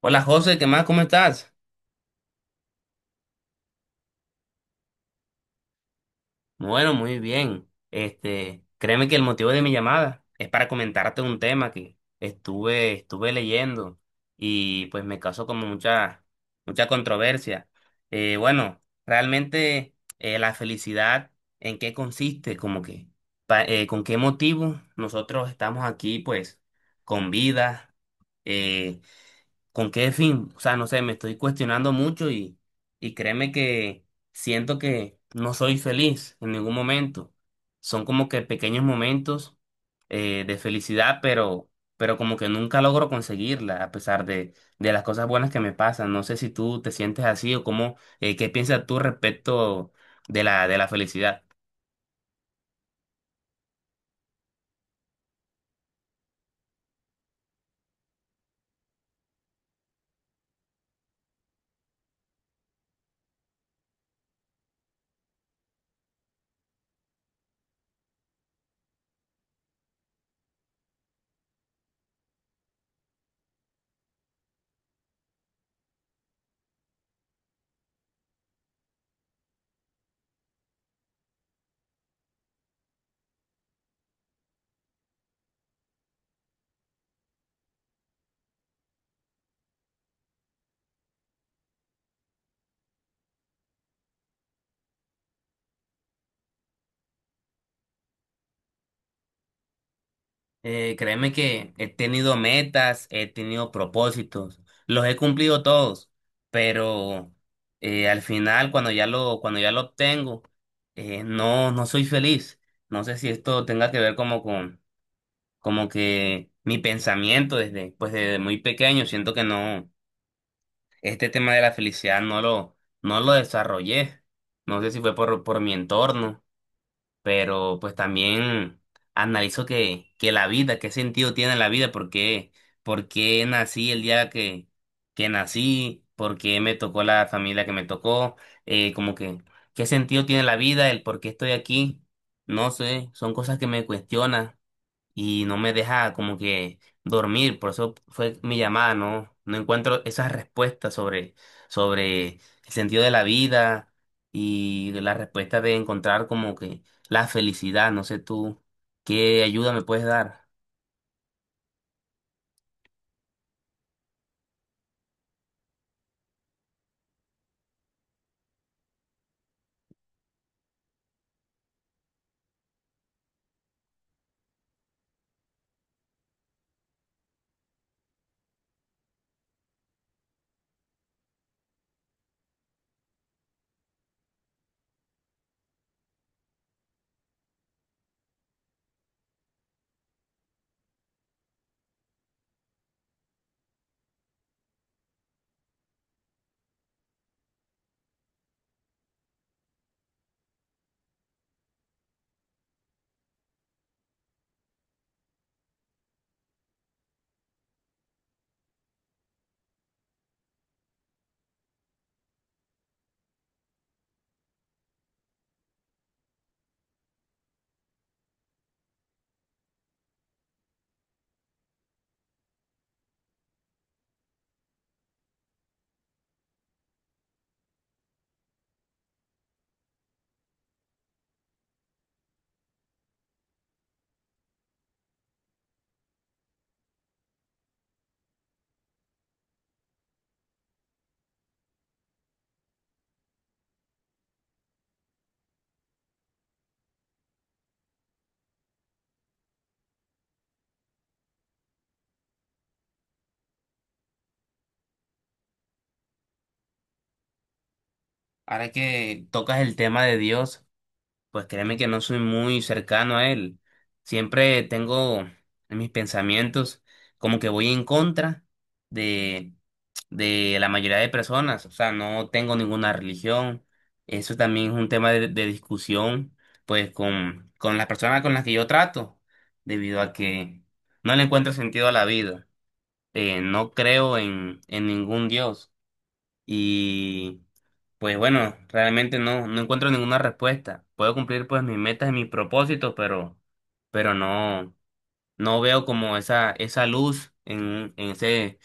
Hola José, ¿qué más? ¿Cómo estás? Bueno, muy bien. Créeme que el motivo de mi llamada es para comentarte un tema que estuve leyendo y pues me causó como mucha controversia. Bueno, realmente la felicidad, ¿en qué consiste? ¿Con qué motivo nosotros estamos aquí, pues, con vida? Eh, ¿Con qué fin? O sea, no sé, me estoy cuestionando mucho y créeme que siento que no soy feliz en ningún momento. Son como que pequeños momentos de felicidad, pero como que nunca logro conseguirla a pesar de las cosas buenas que me pasan. No sé si tú te sientes así o cómo, qué piensas tú respecto de la felicidad. Créeme que he tenido metas, he tenido propósitos, los he cumplido todos, pero al final cuando ya lo obtengo, no soy feliz. No sé si esto tenga que ver como que mi pensamiento desde, pues desde muy pequeño, siento que no, este tema de la felicidad no lo desarrollé. No sé si fue por mi entorno pero pues también analizo que la vida, qué sentido tiene la vida, por qué nací el día que nací, por qué me tocó la familia que me tocó, como que qué sentido tiene la vida, el por qué estoy aquí, no sé, son cosas que me cuestionan y no me deja como que dormir, por eso fue mi llamada, ¿no? No encuentro esas respuestas sobre el sentido de la vida y la respuesta de encontrar como que la felicidad, no sé tú, ¿qué ayuda me puedes dar? Ahora que tocas el tema de Dios, pues créeme que no soy muy cercano a Él. Siempre tengo en mis pensamientos como que voy en contra de la mayoría de personas, o sea, no tengo ninguna religión. Eso también es un tema de discusión, pues, con las personas con las que yo trato, debido a que no le encuentro sentido a la vida. No creo en ningún Dios. Y, pues, bueno, realmente no encuentro ninguna respuesta. Puedo cumplir, pues, mis metas y mis propósitos, pero no, no veo como esa luz en ese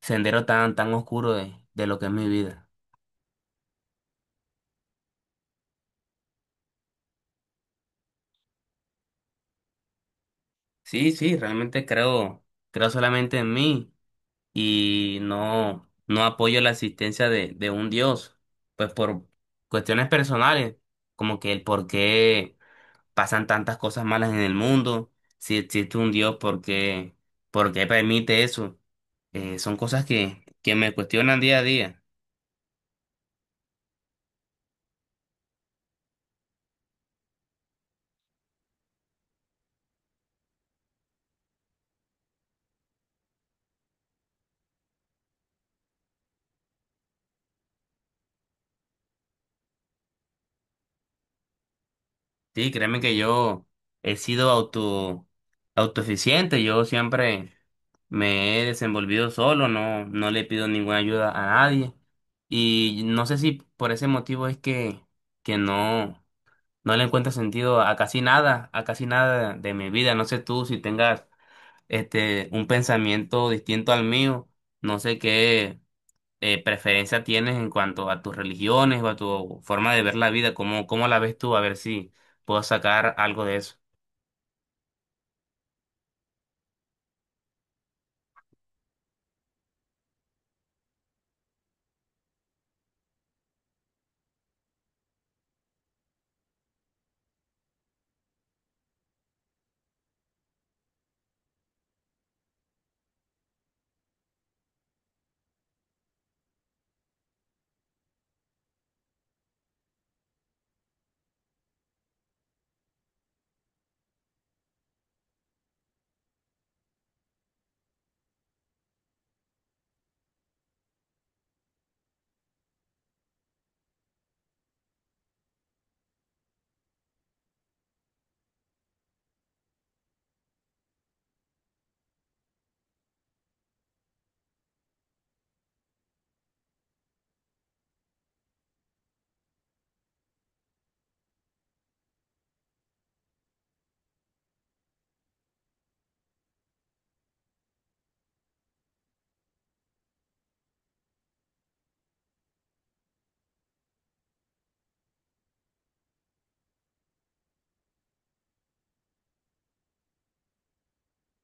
sendero tan oscuro de lo que es mi vida. Sí, sí, creo solamente en mí y no apoyo la existencia de un Dios, pues por cuestiones personales, como que el por qué pasan tantas cosas malas en el mundo, si existe un Dios, por qué permite eso. Son cosas que me cuestionan día a día. Sí, créeme que yo he sido auto, autoeficiente, yo siempre me he desenvolvido solo, no le pido ninguna ayuda a nadie. Y no sé si por ese motivo es que no, no le encuentro sentido a casi nada de mi vida. No sé tú si tengas un pensamiento distinto al mío, no sé qué preferencia tienes en cuanto a tus religiones o a tu forma de ver la vida. ¿Cómo, cómo la ves tú? A ver si puedo sacar algo de eso.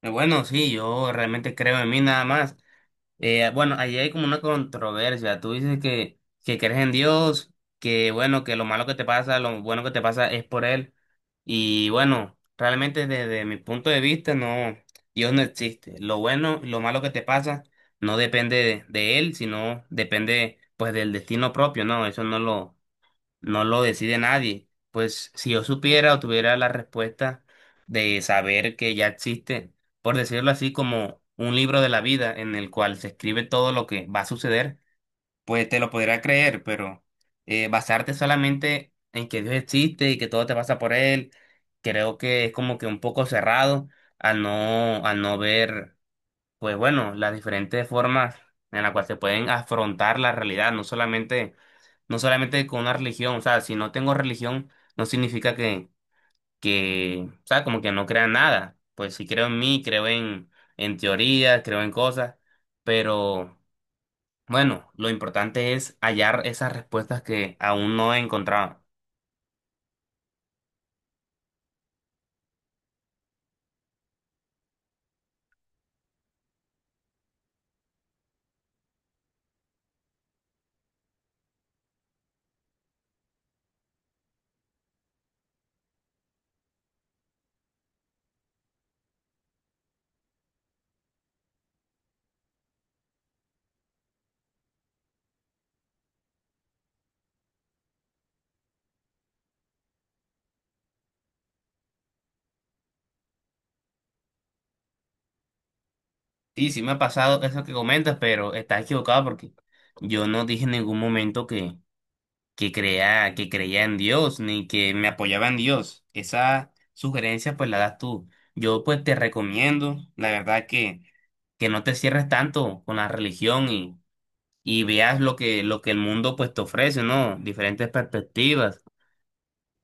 Bueno, sí, yo realmente creo en mí nada más. Bueno, ahí hay como una controversia. Tú dices que crees en Dios, que bueno, que lo malo que te pasa, lo bueno que te pasa es por Él. Y bueno, realmente desde mi punto de vista, no, Dios no existe. Lo bueno, lo malo que te pasa no depende de Él, sino depende pues del destino propio, ¿no? Eso no lo, no lo decide nadie. Pues si yo supiera o tuviera la respuesta de saber que ya existe, por decirlo así, como un libro de la vida en el cual se escribe todo lo que va a suceder, pues te lo podría creer, pero basarte solamente en que Dios existe y que todo te pasa por él, creo que es como que un poco cerrado al no ver, pues bueno, las diferentes formas en las cuales se pueden afrontar la realidad, no solamente con una religión, o sea, si no tengo religión, no significa o sea, como que no crea en nada. Pues sí creo en mí, creo en teorías, creo en cosas, pero bueno, lo importante es hallar esas respuestas que aún no he encontrado. Sí, sí me ha pasado eso que comentas, pero estás equivocado porque yo no dije en ningún momento que creía en Dios, ni que me apoyaba en Dios. Esa sugerencia pues la das tú. Yo pues te recomiendo, la verdad que no te cierres tanto con la religión y veas lo que el mundo pues te ofrece, ¿no? Diferentes perspectivas.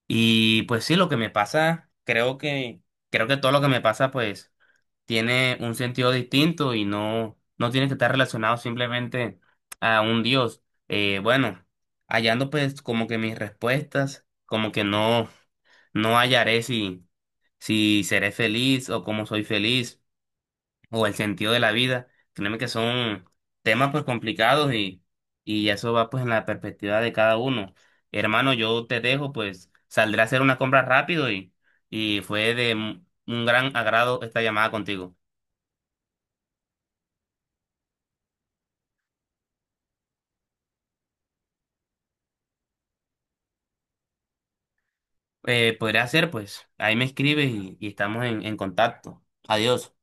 Y pues sí, lo que me pasa, creo que todo lo que me pasa pues tiene un sentido distinto y no tiene que estar relacionado simplemente a un dios. Bueno, hallando pues como que mis respuestas, como que no, no hallaré si seré feliz o cómo soy feliz o el sentido de la vida. Créeme que son temas pues complicados y eso va pues en la perspectiva de cada uno. Hermano, yo te dejo, pues saldré a hacer una compra rápido y fue de un gran agrado esta llamada contigo. Podría ser, pues. Ahí me escribes y estamos en contacto. Adiós.